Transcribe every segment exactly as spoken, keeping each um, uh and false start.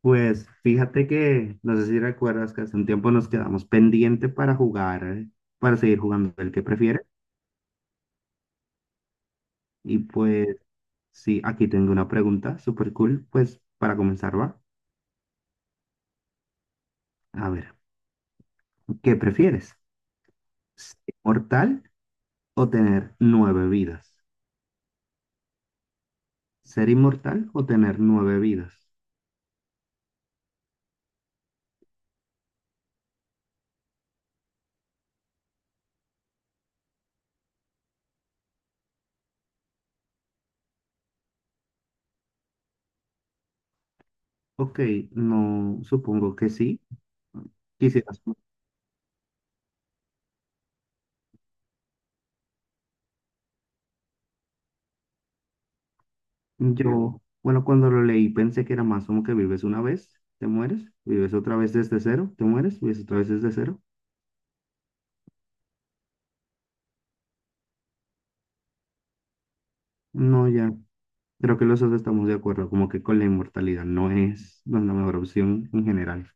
Pues fíjate que, no sé si recuerdas que hace un tiempo nos quedamos pendiente para jugar, eh, para seguir jugando el que prefieres. Y pues sí, aquí tengo una pregunta súper cool, pues para comenzar va. A ver, ¿qué prefieres? ¿Ser inmortal o tener nueve vidas? ¿Ser inmortal o tener nueve vidas? Ok, no, supongo que sí. Quisieras. Yo, bueno, cuando lo leí pensé que era más como que vives una vez, te mueres, vives otra vez desde cero, te mueres, vives otra vez desde cero. No, ya, creo que los dos estamos de acuerdo, como que con la inmortalidad no es, no es la mejor opción en general.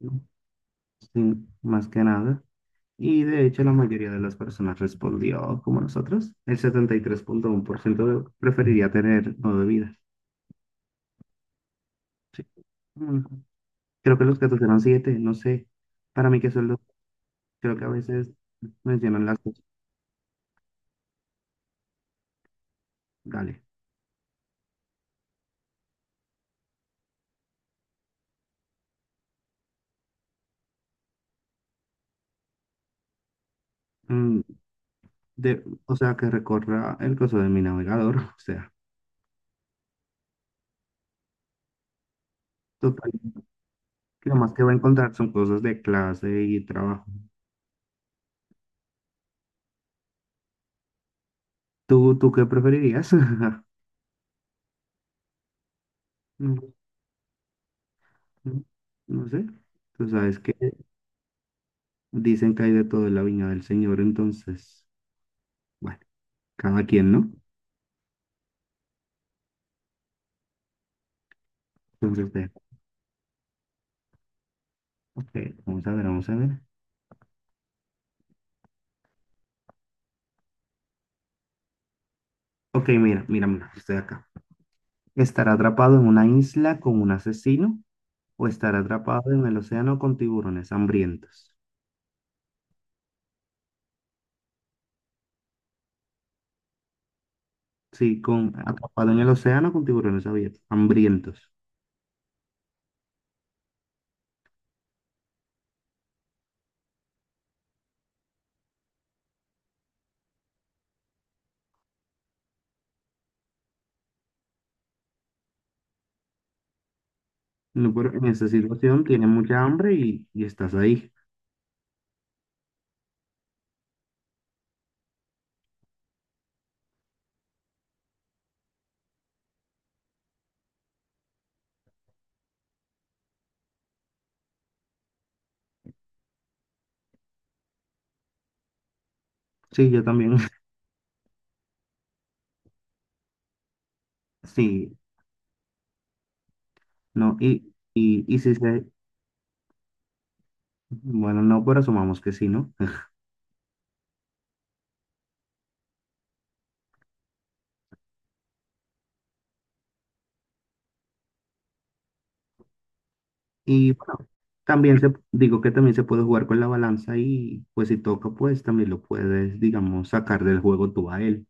¿No? Sí, más que nada. Y de hecho la mayoría de las personas respondió como nosotros. El setenta y tres punto uno por ciento de- preferiría tener nueve vidas. Sí. Mm, Creo que los gatos eran siete, no sé. Para mí que son los, creo que a veces mencionan las. Dale. Mm, de, o sea, que recorra el coso de mi navegador. O sea, total. Que lo más que va a encontrar son cosas de clase y trabajo. ¿Tú, tú qué preferirías? Mm, mm, No sé. Tú sabes que dicen que hay de todo en la viña del Señor, entonces, bueno, cada quien, ¿no? Entonces, de- ok, vamos a ver, vamos a ver. Ok, mira, mira, mira, estoy acá. ¿Estar atrapado en una isla con un asesino o estar atrapado en el océano con tiburones hambrientos? Sí, con atrapado en el océano con tiburones abiertos, hambrientos. No, pero en esa situación tienes mucha hambre y, y estás ahí. Sí, yo también. Sí, no, y, y, y si se, bueno, no, pero asumamos que sí, ¿no? Y bueno, también se, digo que también se puede jugar con la balanza y pues si toca, pues también lo puedes, digamos, sacar del juego tú a él.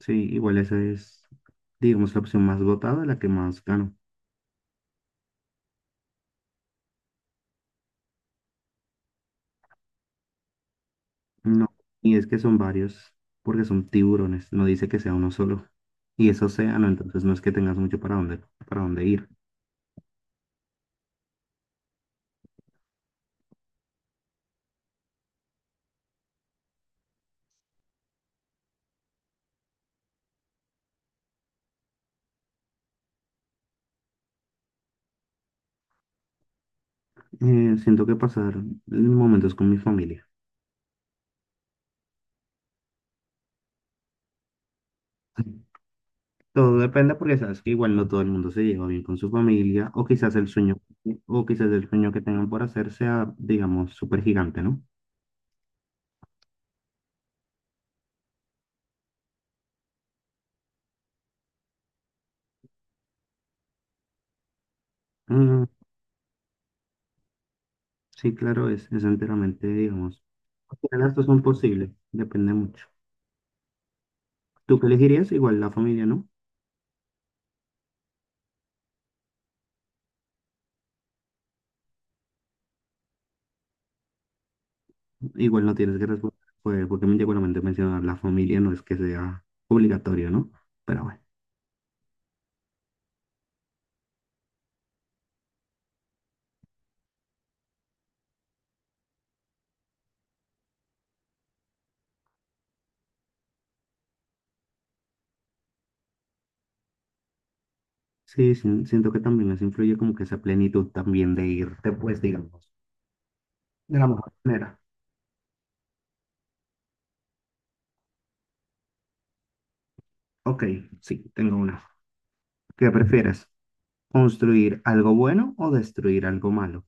Sí, igual esa es, digamos, la opción más votada, la que más gana. No, y es que son varios, porque son tiburones, no dice que sea uno solo. Y es océano, entonces no es que tengas mucho para dónde, para dónde ir. Eh, siento que pasar momentos con mi familia. Todo depende porque sabes que igual no todo el mundo se lleva bien con su familia, o quizás el sueño, o quizás el sueño que tengan por hacer sea, digamos, súper gigante, ¿no? Mm, sí, claro, es, es enteramente, digamos. Cualquiera de las dos son posibles, depende mucho. ¿Tú qué elegirías? Igual la familia, ¿no? Igual no tienes que responder, pues, porque igualmente mencionar la familia no es que sea obligatorio, ¿no? Pero bueno, sí, sí, siento que también eso influye como que esa plenitud también de irte, pues, digamos, de la mejor manera. Ok, sí, tengo una. ¿Qué prefieres? ¿Construir algo bueno o destruir algo malo?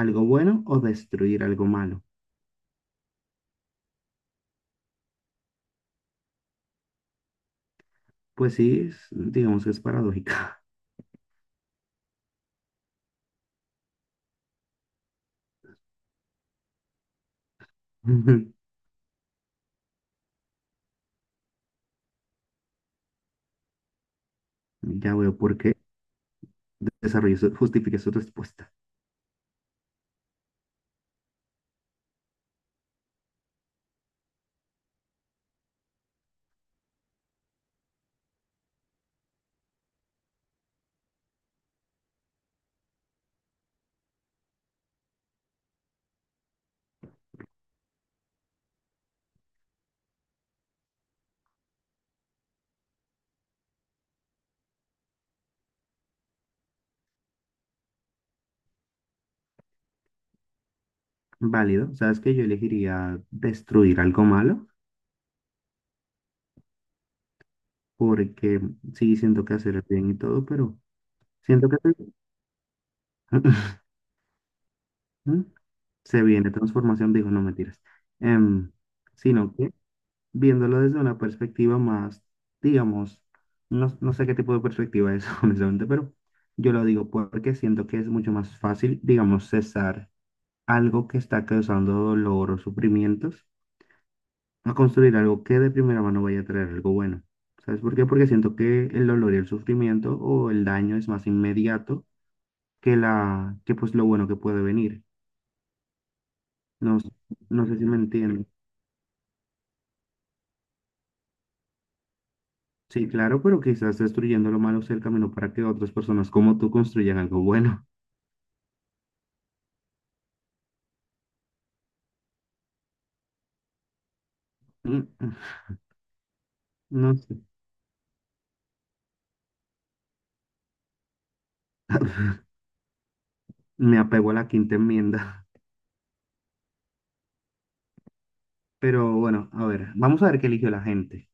¿Algo bueno o destruir algo malo? Pues sí, es- digamos que es paradójica. Ya veo por qué desarrollo su, justifique su respuesta. Válido, sabes que yo elegiría destruir algo malo porque sí siento que hacer el bien y todo, pero siento que se, se viene transformación, digo, no mentiras, Em, sino que viéndolo desde una perspectiva más, digamos, no, no sé qué tipo de perspectiva es, honestamente, pero yo lo digo porque siento que es mucho más fácil, digamos, cesar algo que está causando dolor o sufrimientos a construir algo que de primera mano vaya a traer algo bueno. ¿Sabes por qué? Porque siento que el dolor y el sufrimiento o el daño es más inmediato que la, que pues lo bueno que puede venir. No, s- no sé si me entienden. Sí, claro, pero quizás destruyendo lo malo sea el camino para que otras personas como tú construyan algo bueno. Mm, mm, No sé, me apego a la quinta enmienda. Pero bueno, a ver, vamos a ver qué eligió la gente.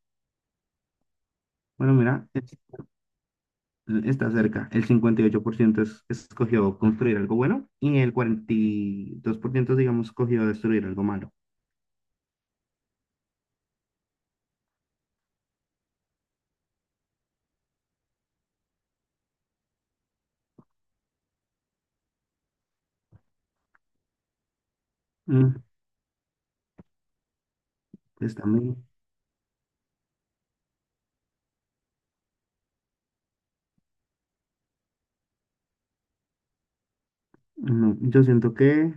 Bueno, mira, es- está cerca. El cincuenta y ocho por ciento es- escogió construir algo bueno y el cuarenta y dos por ciento digamos escogió destruir algo malo. Mm, Pues también, no, yo siento que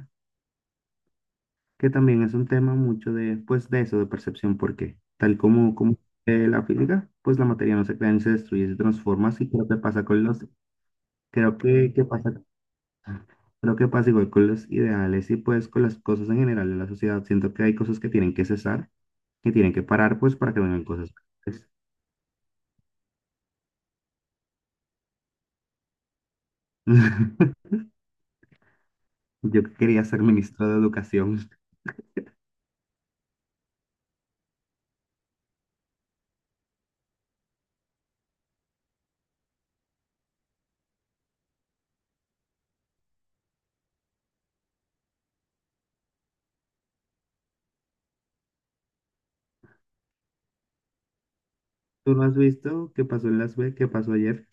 que también es un tema mucho de, pues, de eso, de percepción, porque tal como, como eh, la física, pues la materia no se crea ni se destruye, se transforma, así creo que pasa con los, creo que, que pasa, creo que pasa igual con los ideales y pues con las cosas en general de la sociedad. Siento que hay cosas que tienen que cesar, que tienen que parar, pues, para que vengan cosas mejores. Yo que quería ser ministro de educación. ¿Tú no has visto qué pasó en Las Vegas, qué pasó ayer?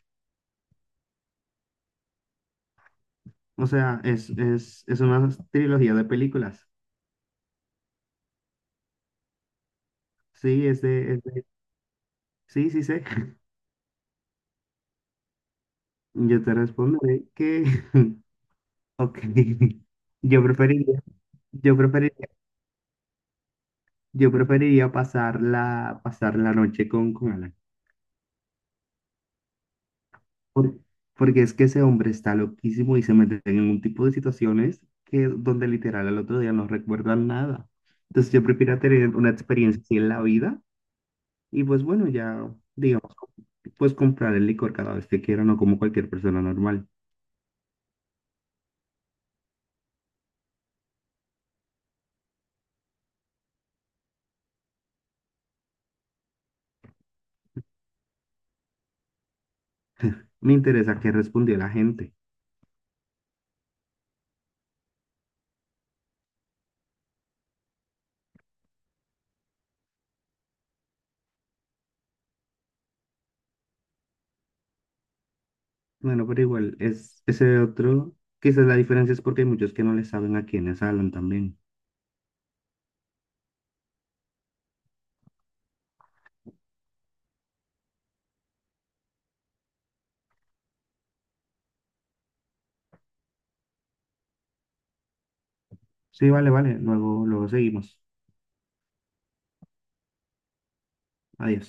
O sea, es, es, es una trilogía de películas. Sí, es de, es de- sí, sí sé. Yo te responderé que, ok, yo preferiría, yo preferiría, yo preferiría pasar la, pasar la noche con, con Alan. Por- porque es que ese hombre está loquísimo y se mete en un tipo de situaciones que donde literal al otro día no recuerdan nada. Entonces yo prefiero tener una experiencia así en la vida y pues bueno, ya digamos, pues comprar el licor cada vez que quiera, no como cualquier persona normal. Me interesa qué respondió la gente. Bueno, pero igual, es ese otro, quizás la diferencia es porque hay muchos que no le saben a quiénes hablan también. Sí, vale, vale, luego, luego seguimos. Adiós.